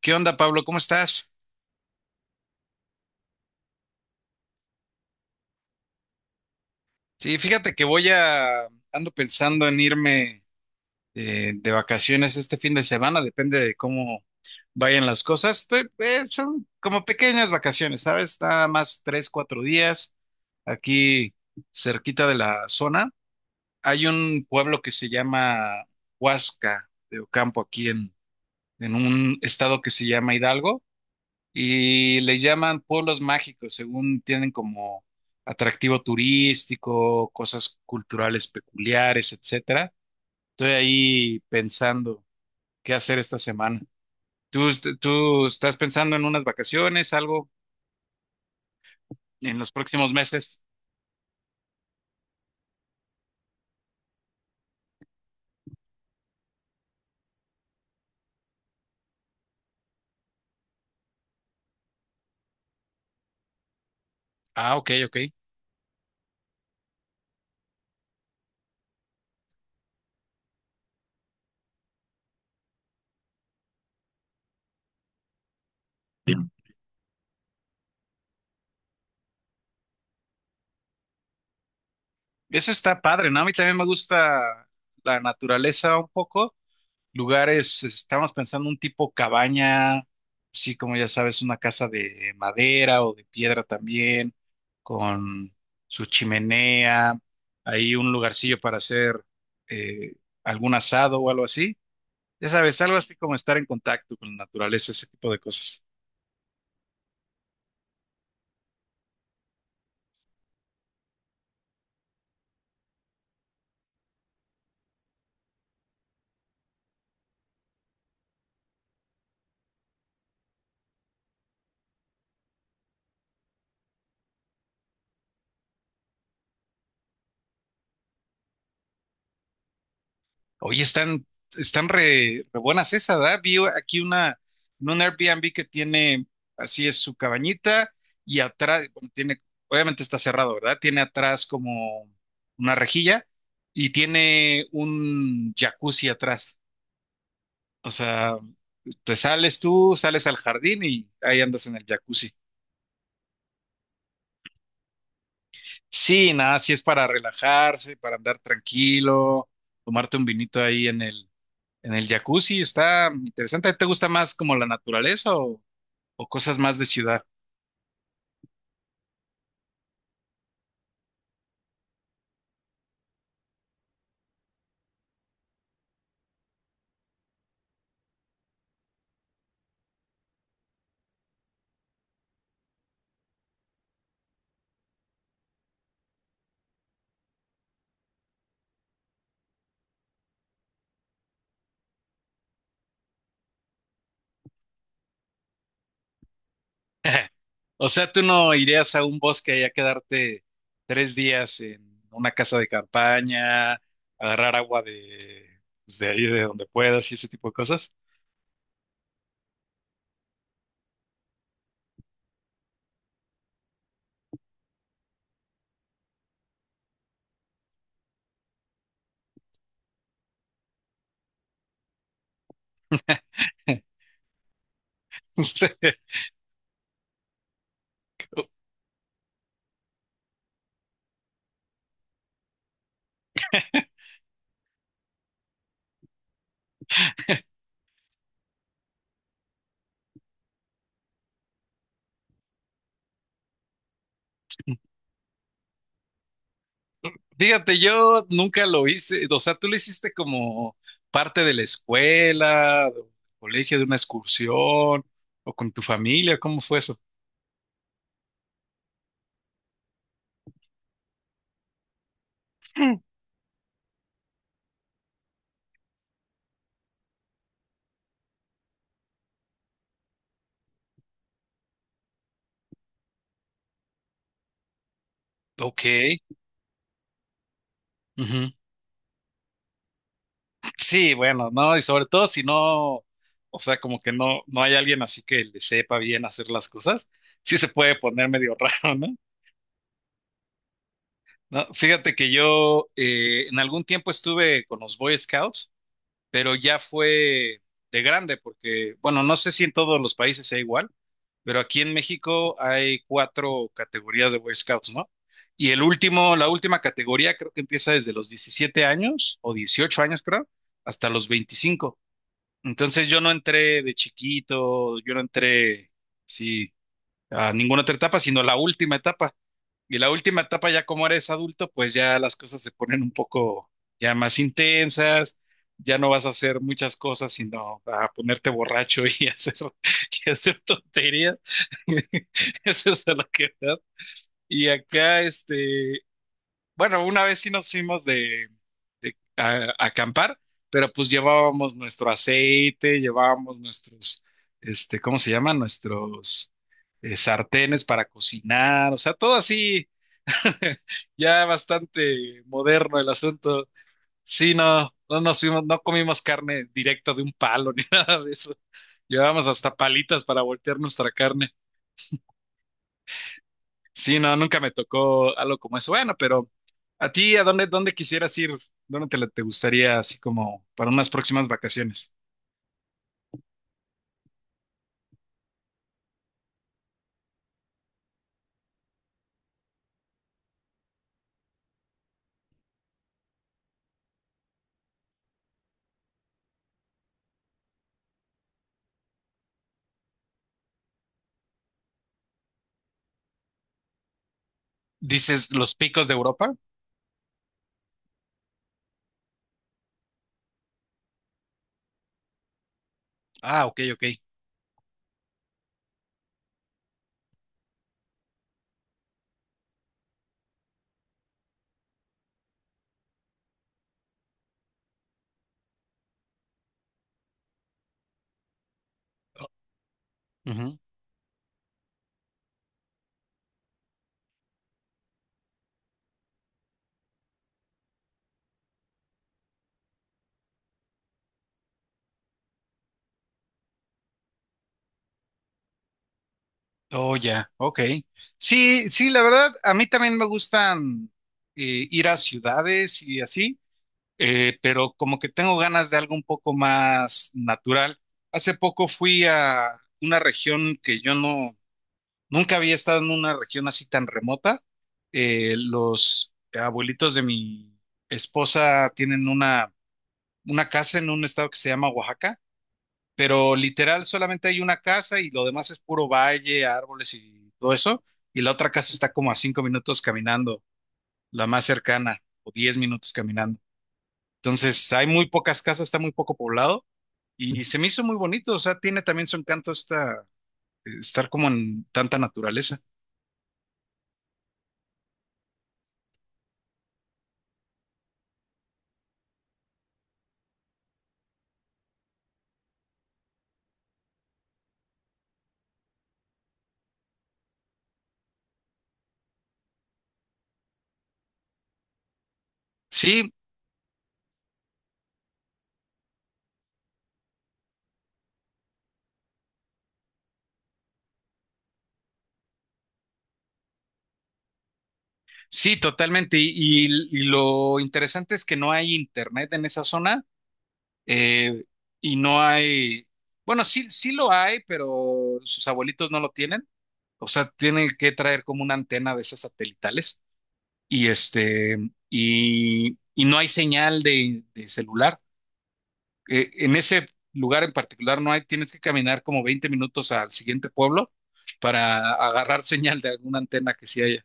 ¿Qué onda, Pablo? ¿Cómo estás? Sí, fíjate que ando pensando en irme de vacaciones este fin de semana, depende de cómo vayan las cosas. Son como pequeñas vacaciones, ¿sabes? Nada más 3, 4 días aquí cerquita de la zona. Hay un pueblo que se llama Huasca de Ocampo, aquí en un estado que se llama Hidalgo. Y le llaman pueblos mágicos, según tienen como atractivo turístico, cosas culturales peculiares, etcétera. Estoy ahí pensando qué hacer esta semana. ¿Tú estás pensando en unas vacaciones, algo en los próximos meses? Ah, ok, ok. Bien. Eso está padre, ¿no? A mí también me gusta la naturaleza un poco. Lugares, estábamos pensando un tipo cabaña, sí, como ya sabes, una casa de madera o de piedra también, con su chimenea, ahí un lugarcillo para hacer eh, algún asado o algo así. Ya sabes, algo así como estar en contacto con la naturaleza, ese tipo de cosas. Oye, están re buenas esas, ¿verdad? Vi aquí una, en un Airbnb que tiene, así es su cabañita, y atrás, bueno, tiene, obviamente está cerrado, ¿verdad? Tiene atrás como una rejilla y tiene un jacuzzi atrás. O sea, te sales tú, sales al jardín y ahí andas en el jacuzzi. Sí, nada, sí es para relajarse, para andar tranquilo, tomarte un vinito ahí en el, en el jacuzzi está interesante. ¿Te gusta más como la naturaleza o cosas más de ciudad? O sea, ¿tú no irías a un bosque y a quedarte tres días en una casa de campaña, agarrar agua de, pues, de ahí de donde puedas y ese tipo de cosas? Fíjate, yo nunca lo hice. O sea, ¿tú lo hiciste como parte de la escuela, del colegio, de una excursión o con tu familia? ¿Cómo fue eso? Ok. Ujú. Sí, bueno, no, y sobre todo si no, o sea, como que no hay alguien así que le sepa bien hacer las cosas, sí se puede poner medio raro, ¿no? No, fíjate que yo en algún tiempo estuve con los Boy Scouts, pero ya fue de grande, porque, bueno, no sé si en todos los países sea igual, pero aquí en México hay cuatro categorías de Boy Scouts, ¿no? Y el último, la última categoría creo que empieza desde los 17 años o 18 años, creo, hasta los 25. Entonces yo no entré de chiquito, yo no entré, sí, a ninguna otra etapa, sino la última etapa. Y la última etapa, ya como eres adulto, pues ya las cosas se ponen un poco ya más intensas, ya no vas a hacer muchas cosas, sino a ponerte borracho y hacer, y hacer tonterías. Eso es a lo que vas. Y acá, este, bueno, una vez sí nos fuimos de a acampar, pero pues llevábamos nuestro aceite, llevábamos nuestros, este, ¿cómo se llaman? Nuestros sartenes para cocinar, o sea, todo así, ya bastante moderno el asunto. Sí, no, no nos fuimos, no comimos carne directo de un palo ni nada de eso. Llevábamos hasta palitas para voltear nuestra carne. Sí, no, nunca me tocó algo como eso. Bueno, pero a ti, ¿a dónde quisieras ir? ¿Dónde te gustaría así como para unas próximas vacaciones? ¿Dices los Picos de Europa? Ah, ok, ok. Ujú. Oh, ya, ok. Sí, sí, la verdad, a mí también me gustan ir a ciudades y así, pero como que tengo ganas de algo un poco más natural. Hace poco fui a una región que yo no nunca había estado en una región así tan remota. Los abuelitos de mi esposa tienen una casa en un estado que se llama Oaxaca, pero literal solamente hay una casa y lo demás es puro valle, árboles y todo eso. Y la otra casa está como a 5 minutos caminando, la más cercana, o 10 minutos caminando. Entonces hay muy pocas casas, está muy poco poblado y se me hizo muy bonito. O sea, tiene también su encanto esta, estar como en tanta naturaleza. Sí, sí, totalmente. Y lo interesante es que no hay internet en esa zona eh, y no hay, bueno, sí, sí lo hay, pero sus abuelitos no lo tienen. O sea, tienen que traer como una antena de esas satelitales y este, y no hay señal de celular. En ese lugar en particular no hay, tienes que caminar como 20 minutos al siguiente pueblo para agarrar señal de alguna antena que sí haya.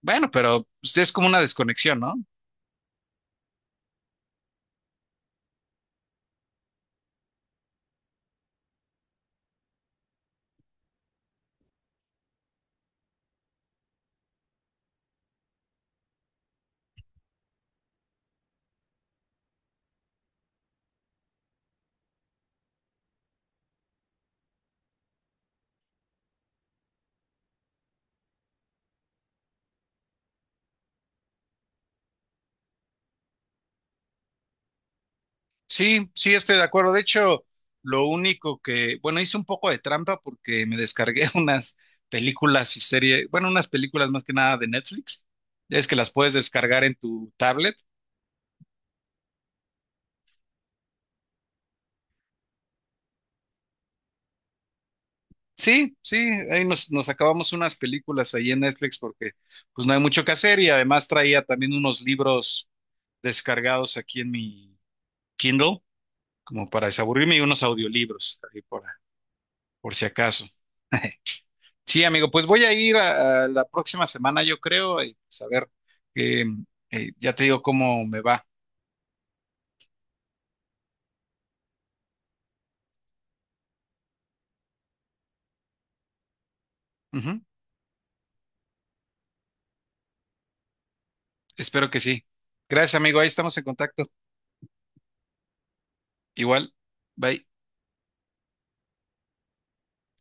Bueno, pero pues, es como una desconexión, ¿no? Sí, sí, estoy de acuerdo. De hecho, lo único que, bueno, hice un poco de trampa porque me descargué unas películas y series, bueno, unas películas más que nada de Netflix. Es que las puedes descargar en tu tablet. Sí, sí, ahí nos acabamos unas películas ahí en Netflix porque pues no hay mucho que hacer y además traía también unos libros descargados aquí en mi Kindle como para desaburrirme y unos audiolibros ahí por si acaso. Sí, amigo, pues voy a ir a la próxima semana, yo creo, y pues a ver, eh, ya te digo cómo me va. Ujú. Espero que sí. Gracias, amigo, ahí estamos en contacto. Igual, bye.